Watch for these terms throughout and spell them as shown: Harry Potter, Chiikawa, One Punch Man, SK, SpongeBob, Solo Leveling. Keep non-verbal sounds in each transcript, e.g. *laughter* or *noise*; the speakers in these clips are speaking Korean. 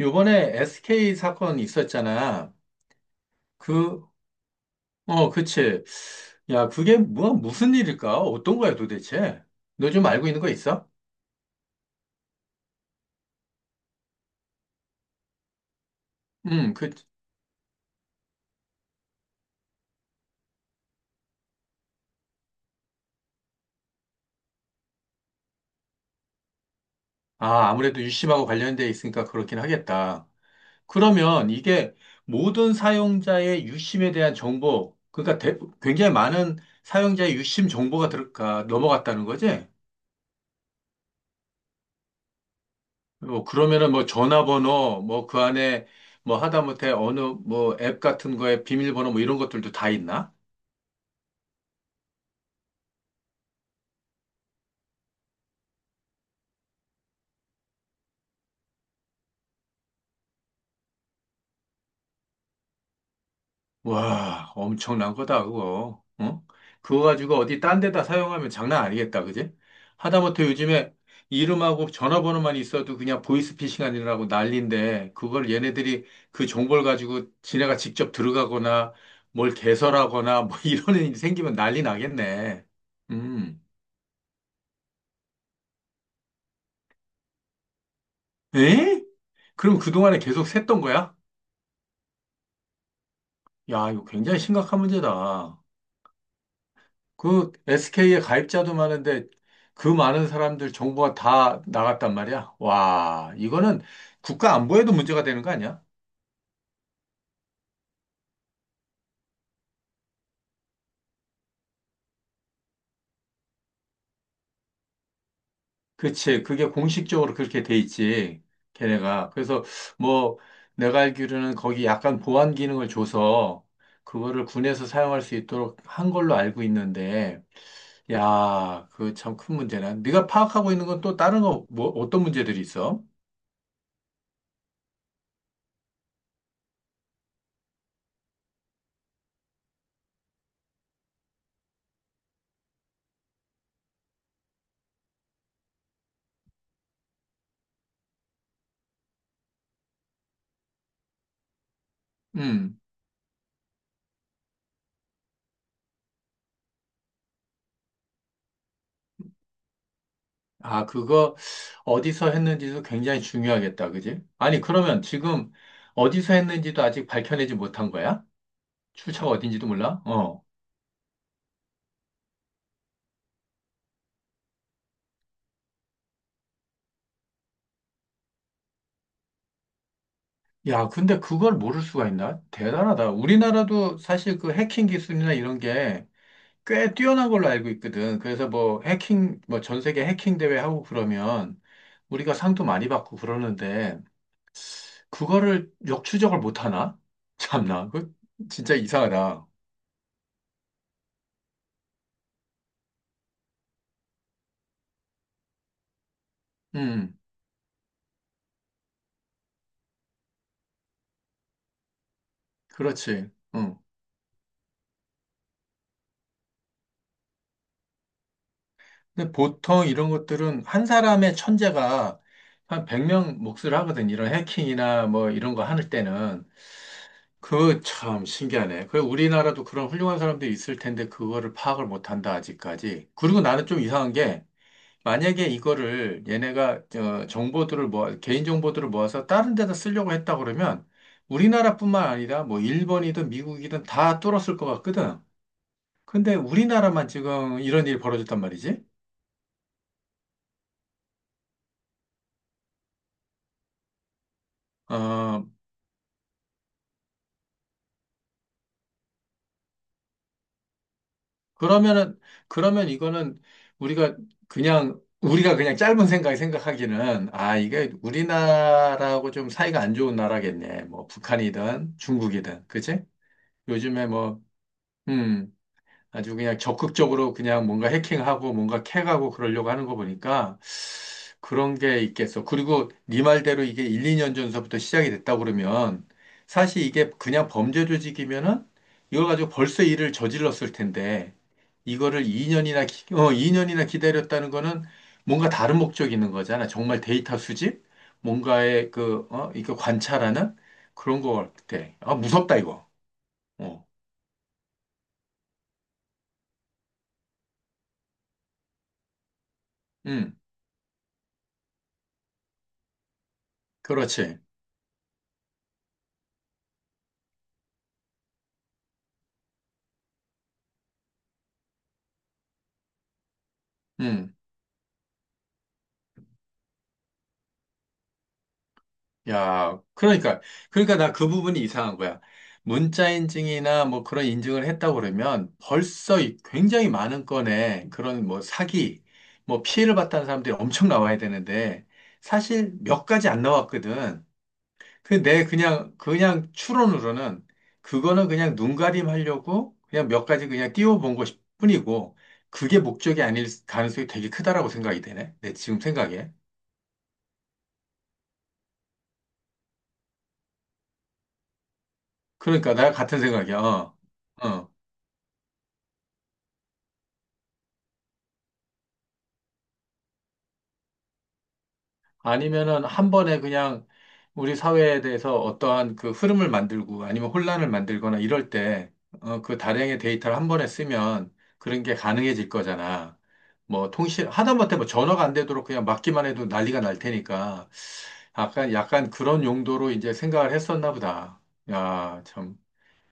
요번에 SK 사건 있었잖아. 그, 어, 그치. 야, 그게 뭐, 무슨 일일까? 어떤 거야, 도대체? 너 좀 알고 있는 거 있어? 그, 아, 아무래도 유심하고 관련돼 있으니까 그렇긴 하겠다. 그러면 이게 모든 사용자의 유심에 대한 정보, 그러니까 굉장히 많은 사용자의 유심 정보가 넘어갔다는 거지? 뭐, 그러면은 뭐 전화번호, 뭐 그 안에 뭐 하다못해 어느 뭐 앱 같은 거에 비밀번호 뭐 이런 것들도 다 있나? 와, 엄청난 거다, 그거. 어? 그거 가지고 어디 딴 데다 사용하면 장난 아니겠다, 그지? 하다못해 요즘에 이름하고 전화번호만 있어도 그냥 보이스피싱 아니라고 난리인데, 그걸 얘네들이 그 정보를 가지고 지네가 직접 들어가거나 뭘 개설하거나 뭐 *laughs* 이런 일이 생기면 난리 나겠네. 음. 에? 그럼 그동안에 계속 샜던 거야? 야, 이거 굉장히 심각한 문제다. 그 SK에 가입자도 많은데 그 많은 사람들 정보가 다 나갔단 말이야. 와, 이거는 국가 안보에도 문제가 되는 거 아니야? 그치. 그게 공식적으로 그렇게 돼 있지. 걔네가. 그래서 뭐 내가 알기로는 거기 약간 보안 기능을 줘서 그거를 군에서 사용할 수 있도록 한 걸로 알고 있는데, 야, 그 참 큰 문제네. 네가 파악하고 있는 건 또 다른 거, 뭐, 어떤 문제들이 있어? 음. 아, 그거 어디서 했는지도 굉장히 중요하겠다, 그지? 아니, 그러면 지금 어디서 했는지도 아직 밝혀내지 못한 거야? 출처가 어딘지도 몰라? 어. 야, 근데 그걸 모를 수가 있나? 대단하다. 우리나라도 사실 그 해킹 기술이나 이런 게 꽤 뛰어난 걸로 알고 있거든. 그래서 뭐 해킹, 뭐 전 세계 해킹 대회 하고 그러면 우리가 상도 많이 받고 그러는데 그거를 역추적을 못 하나? *laughs* 참나, 그 진짜 이상하다. 음, 그렇지. 응. 근데 보통 이런 것들은 한 사람의 천재가 한 100명 몫을 하거든. 이런 해킹이나 뭐 이런 거 하는 때는. 그거 참 신기하네. 그 우리나라도 그런 훌륭한 사람들이 있을 텐데 그거를 파악을 못 한다, 아직까지. 그리고 나는 좀 이상한 게 만약에 이거를 얘네가 어, 정보들을 모아, 개인 정보들을 모아서 다른 데다 쓰려고 했다 그러면 우리나라뿐만 아니라 뭐 일본이든 미국이든 다 뚫었을 것 같거든. 근데 우리나라만 지금 이런 일이 벌어졌단 말이지. 어, 그러면은, 그러면 이거는 우리가 그냥, 우리가 그냥 짧은 생각에 생각하기는, 아, 이게 우리나라하고 좀 사이가 안 좋은 나라겠네. 뭐, 북한이든 중국이든. 그치? 요즘에 뭐, 음, 아주 그냥 적극적으로 그냥 뭔가 해킹하고 뭔가 캐가고 그러려고 하는 거 보니까 그런 게 있겠어. 그리고 네 말대로 이게 1, 2년 전서부터 시작이 됐다 그러면 사실 이게 그냥 범죄 조직이면은 이걸 가지고 벌써 일을 저질렀을 텐데 이거를 2년이나 어, 이 년이나 기다렸다는 거는 뭔가 다른 목적이 있는 거잖아. 정말 데이터 수집? 뭔가의 그, 어, 이거 관찰하는 그런 거 같아. 아, 무섭다, 이거. 어, 음, 그렇지. 음. 야, 그러니까, 그러니까 나 그 부분이 이상한 거야. 문자 인증이나 뭐 그런 인증을 했다고 그러면 벌써 이 굉장히 많은 건의 그런 뭐 사기, 뭐 피해를 봤다는 사람들이 엄청 나와야 되는데 사실 몇 가지 안 나왔거든. 근데 내 그냥, 그냥 추론으로는 그거는 그냥 눈가림 하려고 그냥 몇 가지 그냥 띄워본 것 뿐이고 그게 목적이 아닐 가능성이 되게 크다라고 생각이 되네. 내 지금 생각에. 그러니까 나 같은 생각이야. 어. 어. 아니면은 한 번에 그냥 우리 사회에 대해서 어떠한 그 흐름을 만들고 아니면 혼란을 만들거나 이럴 때, 어, 그 다량의 데이터를 한 번에 쓰면 그런 게 가능해질 거잖아. 뭐 통신, 하다못해 뭐 전화가 안 되도록 그냥 막기만 해도 난리가 날 테니까 약간, 약간 그런 용도로 이제 생각을 했었나 보다. 야, 참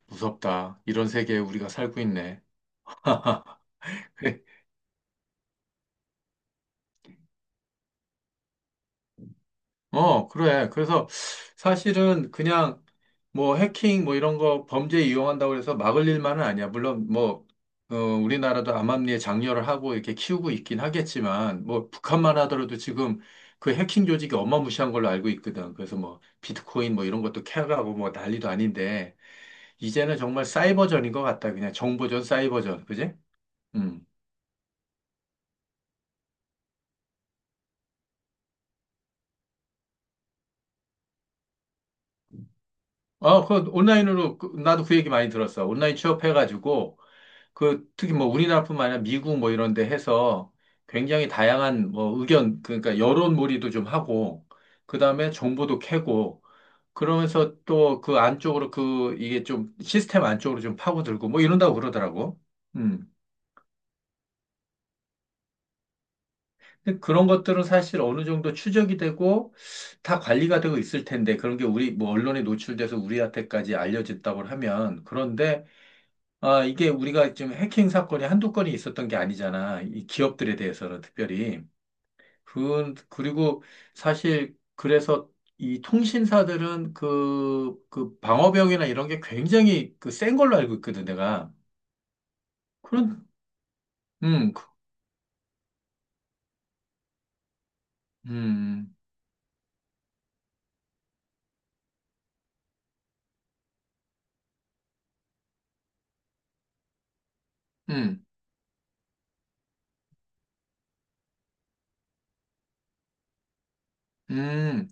무섭다. 이런 세계에 우리가 살고 있네. *laughs* 어, 그래. 그래서 사실은 그냥 뭐 해킹 뭐 이런 거 범죄 이용한다고 해서 막을 일만은 아니야. 물론 뭐, 어, 우리나라도 암암리에 장려를 하고 이렇게 키우고 있긴 하겠지만, 뭐 북한만 하더라도 지금 그 해킹 조직이 어마무시한 걸로 알고 있거든. 그래서 뭐 비트코인 뭐 이런 것도 캐가고 뭐 난리도 아닌데, 이제는 정말 사이버전인 것 같다. 그냥 정보전, 사이버전. 그지? 음. 아, 그 온라인으로, 나도 그 얘기 많이 들었어. 온라인 취업해가지고, 그 특히 뭐 우리나라뿐만 아니라 미국 뭐 이런 데 해서 굉장히 다양한 뭐 의견 그러니까 여론몰이도 좀 하고 그다음에 정보도 캐고 그러면서 또 그 안쪽으로 그 이게 좀 시스템 안쪽으로 좀 파고들고 뭐 이런다고 그러더라고. 음. 근데 그런 것들은 사실 어느 정도 추적이 되고 다 관리가 되고 있을 텐데 그런 게 우리 뭐 언론에 노출돼서 우리한테까지 알려졌다고 하면 그런데 아 이게 우리가 지금 해킹 사건이 한두 건이 있었던 게 아니잖아. 이 기업들에 대해서는 특별히. 그, 그리고 사실 그래서 이 통신사들은 그, 그 방어병이나 이런 게 굉장히 그 센 걸로 알고 있거든, 내가. 그런, 그- 음, 음, 음.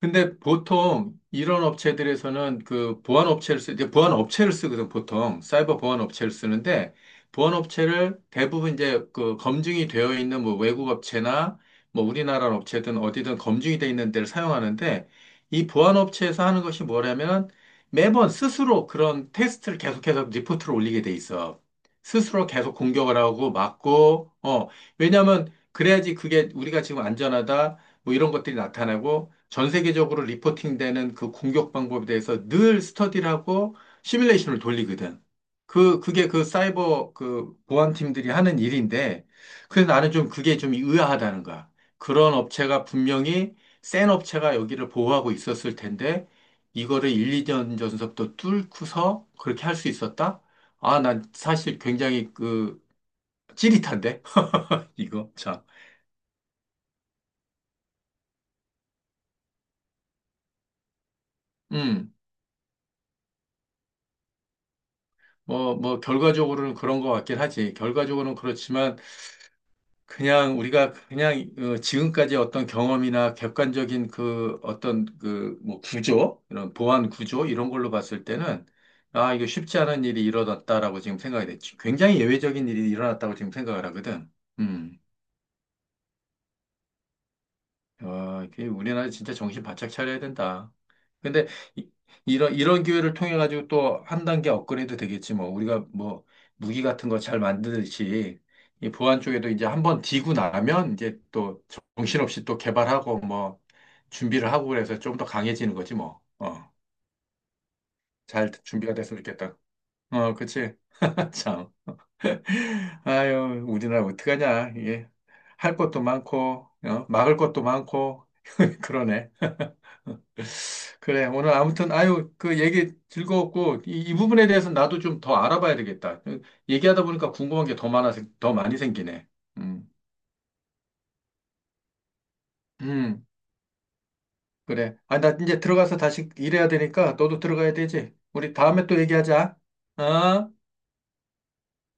근데 보통 이런 업체들에서는 그 보안 업체를 이제 보안 업체를 쓰거든, 보통. 사이버 보안 업체를 쓰는데, 보안 업체를 대부분 이제 그 검증이 되어 있는 뭐 외국 업체나 뭐 우리나라 업체든 어디든 검증이 되어 있는 데를 사용하는데, 이 보안 업체에서 하는 것이 뭐냐면, 매번 스스로 그런 테스트를 계속해서 리포트를 올리게 돼 있어. 스스로 계속 공격을 하고 막고, 어, 왜냐면 그래야지 그게 우리가 지금 안전하다, 뭐 이런 것들이 나타나고, 전 세계적으로 리포팅되는 그 공격 방법에 대해서 늘 스터디를 하고 시뮬레이션을 돌리거든. 그, 그게 그 사이버 그 보안팀들이 하는 일인데, 그래서 나는 좀 그게 좀 의아하다는 거야. 그런 업체가 분명히 센 업체가 여기를 보호하고 있었을 텐데, 이거를 1, 2년 전서부터 뚫고서 그렇게 할 수 있었다? 아, 난 사실 굉장히 그 찌릿한데? *laughs* 이거, 참. 음, 뭐, 뭐, 결과적으로는 그런 것 같긴 하지. 결과적으로는 그렇지만, 그냥 우리가 그냥 어, 지금까지 어떤 경험이나 객관적인 그 어떤 그 뭐 구조, 이런 보안 구조 이런 걸로 봤을 때는 아, 이거 쉽지 않은 일이 일어났다라고 지금 생각이 됐지. 굉장히 예외적인 일이 일어났다고 지금 생각을 하거든. 음. 와, 이게 우리나라 진짜 정신 바짝 차려야 된다. 근데 이, 이런 이런 기회를 통해 가지고 또 한 단계 업그레이드 되겠지 뭐. 우리가 뭐 무기 같은 거 잘 만드듯이 이 보안 쪽에도 이제 한번 디고 나면 이제 또 정신없이 또 개발하고 뭐 준비를 하고 그래서 좀 더 강해지는 거지 뭐. 어. 잘 준비가 됐으면 좋겠다. 어, 그치? *laughs* 참. 아유, 우리나라 어떡하냐. 이게 할 것도 많고, 어? 막을 것도 많고, *laughs* 그러네. 그래. 오늘 아무튼, 아유, 그 얘기 즐거웠고, 이, 이 부분에 대해서 나도 좀 더 알아봐야 되겠다. 얘기하다 보니까 궁금한 게 더 많아, 더 많이 생기네. 음, 음, 그래. 아, 나 이제 들어가서 다시 일해야 되니까 너도 들어가야 되지. 우리 다음에 또 얘기하자. 어?